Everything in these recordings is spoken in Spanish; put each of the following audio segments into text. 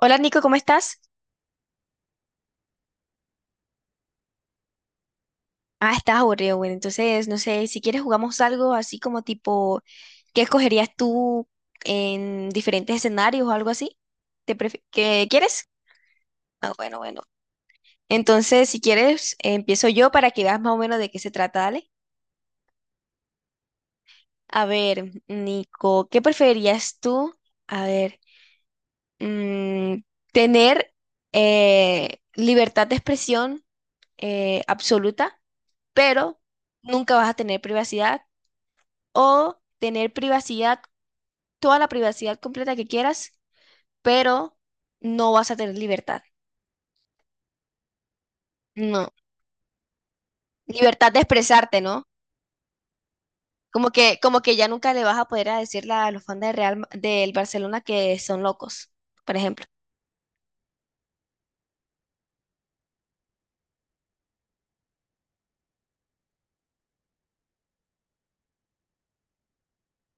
Hola Nico, ¿cómo estás? Ah, estás aburrido, bueno, entonces no sé, si quieres jugamos algo así como tipo, ¿qué escogerías tú en diferentes escenarios o algo así? ¿Qué quieres? Ah, bueno, bueno. Entonces, si quieres, empiezo yo para que veas más o menos de qué se trata, dale. A ver, Nico, ¿qué preferirías tú? A ver, mm, tener libertad de expresión absoluta, pero nunca vas a tener privacidad o tener privacidad, toda la privacidad completa que quieras, pero no vas a tener libertad. No, libertad de expresarte, ¿no? Como que ya nunca le vas a poder a decirle a los fans del Real, del Barcelona que son locos, por ejemplo.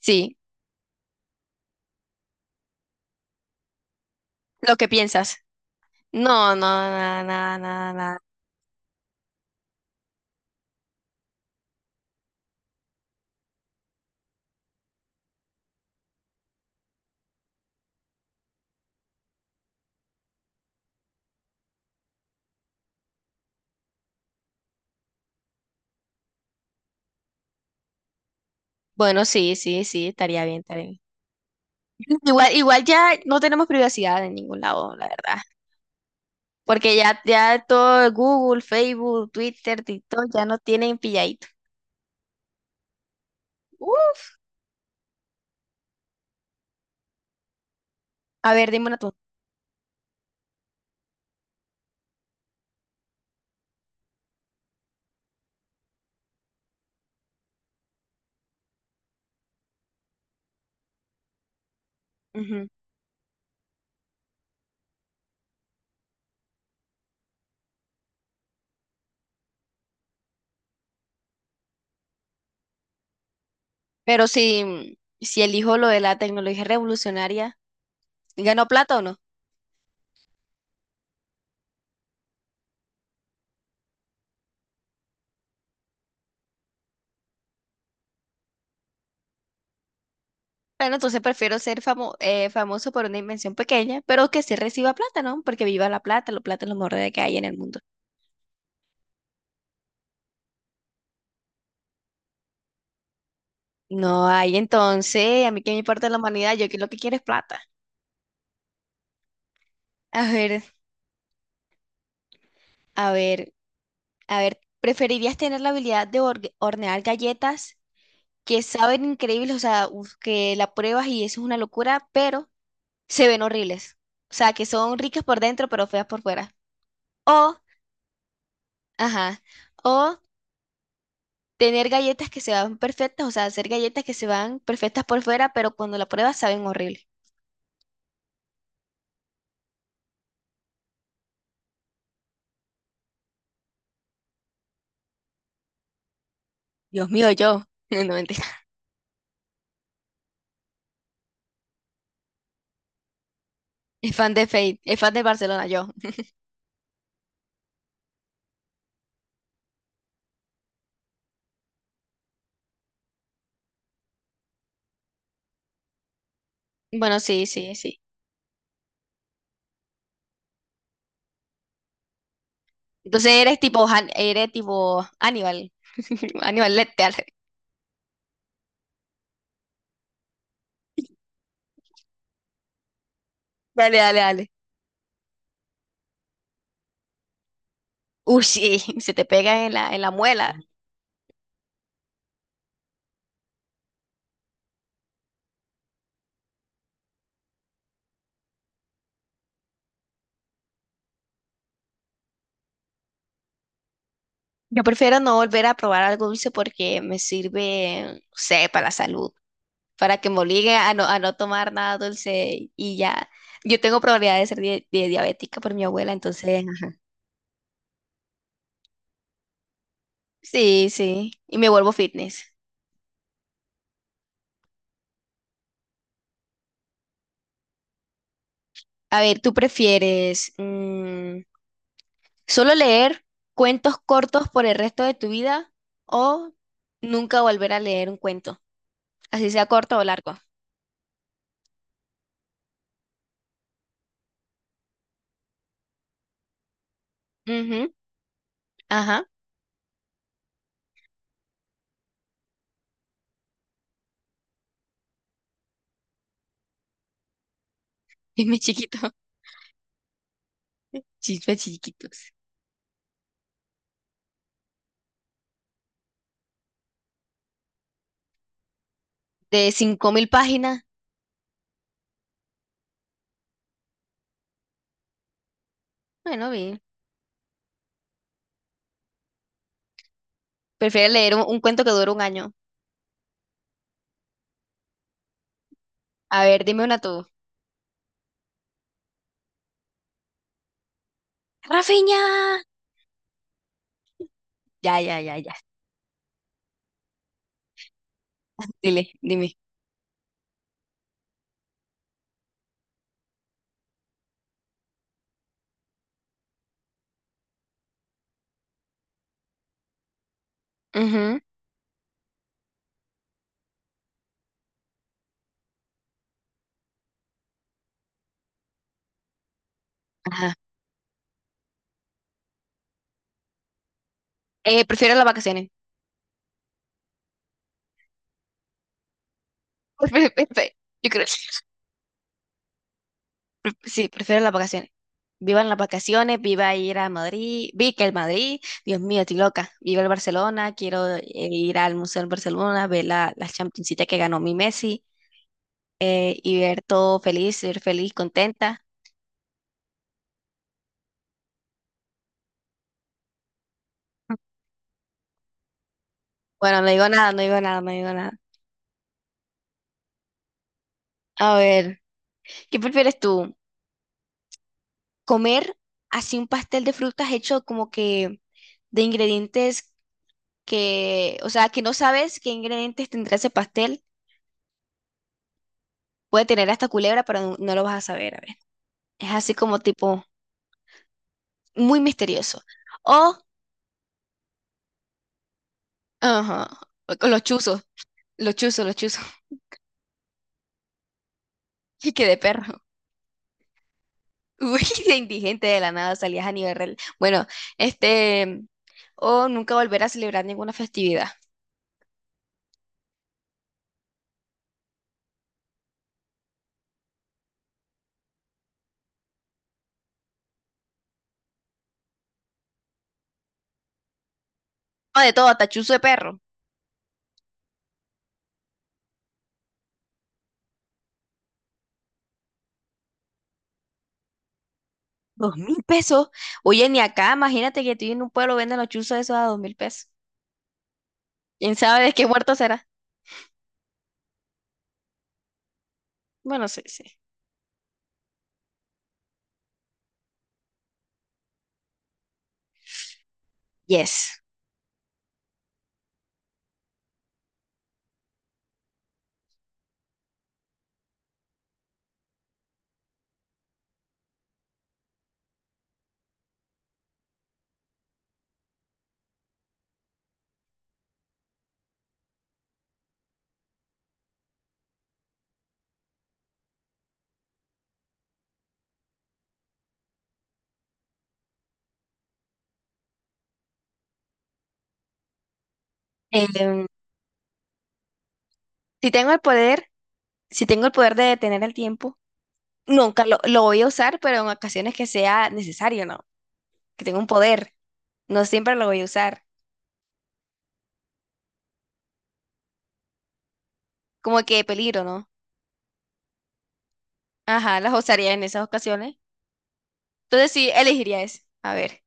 Sí, lo que piensas. No, no, nada, nada, nada, nada. Bueno, sí, sí, sí, estaría bien, estaría bien. Igual, igual ya no tenemos privacidad en ningún lado, la verdad. Porque ya, ya todo Google, Facebook, Twitter, TikTok ya no tienen pilladito. Uf, a ver, dime una tú. Ujú. Pero si elijo lo de la tecnología revolucionaria, ¿ganó plata o no? Bueno, entonces prefiero ser famoso por una invención pequeña, pero que sí reciba plata, ¿no? Porque viva la plata es lo mejor de que hay en el mundo. No hay, entonces, a mí que me importa la humanidad, yo que lo que quiero es plata. A ver, a ver, a ver, ¿preferirías tener la habilidad de hornear galletas que saben increíbles, o sea, uf, que la pruebas y eso es una locura, pero se ven horribles. O sea, que son ricas por dentro, pero feas por fuera. O, ajá, o tener galletas que se van perfectas, o sea, hacer galletas que se van perfectas por fuera, pero cuando la pruebas saben horrible. Dios mío, yo. No, mentira. Es fan de Fate, es fan de Barcelona, yo. Bueno, sí, sí, sí. Entonces eres tipo Aníbal. Aníbal Lecter. Dale, dale, dale. Uy, sí, se te pega en la muela. Yo prefiero no volver a probar algo dulce porque me sirve, no sé, para la salud. Para que me obligue a no tomar nada dulce y ya. Yo tengo probabilidad de ser diabética por mi abuela, entonces, ajá. Sí, sí, y me vuelvo fitness. A ver, ¿tú prefieres solo leer cuentos cortos por el resto de tu vida o nunca volver a leer un cuento, así sea corto o largo? Ujú, ajá, dime chiquito, chismes chiquitos. De 5.000 páginas, bueno, bien. Prefiero leer un cuento que dure un año. A ver, dime una tú. Rafiña. Ya, ya, ya, ya. Dile, dime. Ujú, ajá. Prefiero las vacaciones. Pre- pre- pre- Yo creo, sí, prefiero las vacaciones. Vivan las vacaciones, viva ir a Madrid, vi que el Madrid, Dios mío, estoy loca. Viva el Barcelona, quiero ir al Museo del Barcelona, ver la Championcita que ganó mi Messi y ver todo feliz, ser feliz, contenta. Bueno, no digo nada, no digo nada, no digo nada. A ver, ¿qué prefieres tú? ¿Comer así un pastel de frutas hecho como que de ingredientes que, o sea, que no sabes qué ingredientes tendrá ese pastel. Puede tener hasta culebra, pero no, no lo vas a saber. A ver. Es así como tipo muy misterioso. O, ajá, o con los chuzos, los chuzos, los chuzos. Y que de perro. Uy, de indigente de la nada salías a nivel real. Bueno, este, o nunca volver a celebrar ninguna festividad. O de todo, hasta chuzo de perro. 2.000 pesos. Oye, ni acá, imagínate que tú en un pueblo venden los chuzos esos a 2.000 pesos. ¿Quién sabe de qué muerto será? Bueno, sí, sí. Yes. Em, si tengo el poder, si tengo el poder de detener el tiempo, nunca lo voy a usar, pero en ocasiones que sea necesario, ¿no? Que tenga un poder, no siempre lo voy a usar. Como que peligro, ¿no? Ajá, las usaría en esas ocasiones. Entonces sí, elegiría eso. A ver,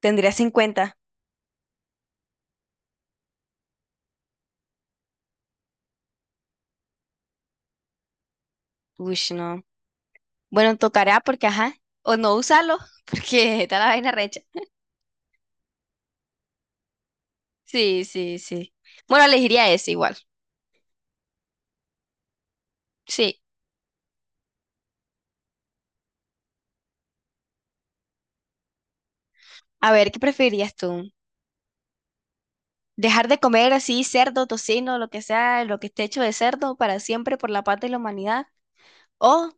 tendría 50. Uy, no. Bueno, tocará porque, ajá, o no usarlo, porque está la vaina recha. Sí, sí, sí. Bueno, elegiría ese igual. Sí. A ver, ¿qué preferirías tú? Dejar de comer así cerdo, tocino, lo que sea, lo que esté hecho de cerdo para siempre por la paz de la humanidad. O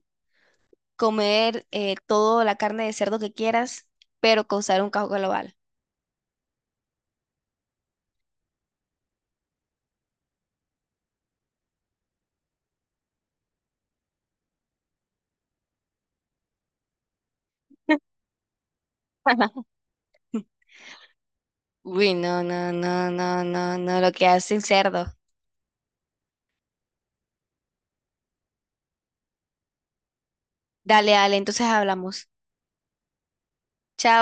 comer toda la carne de cerdo que quieras, pero causar un caos global. Uy, no, no, no, no, no, no, lo que hace el cerdo. Dale, dale, entonces hablamos. Chao.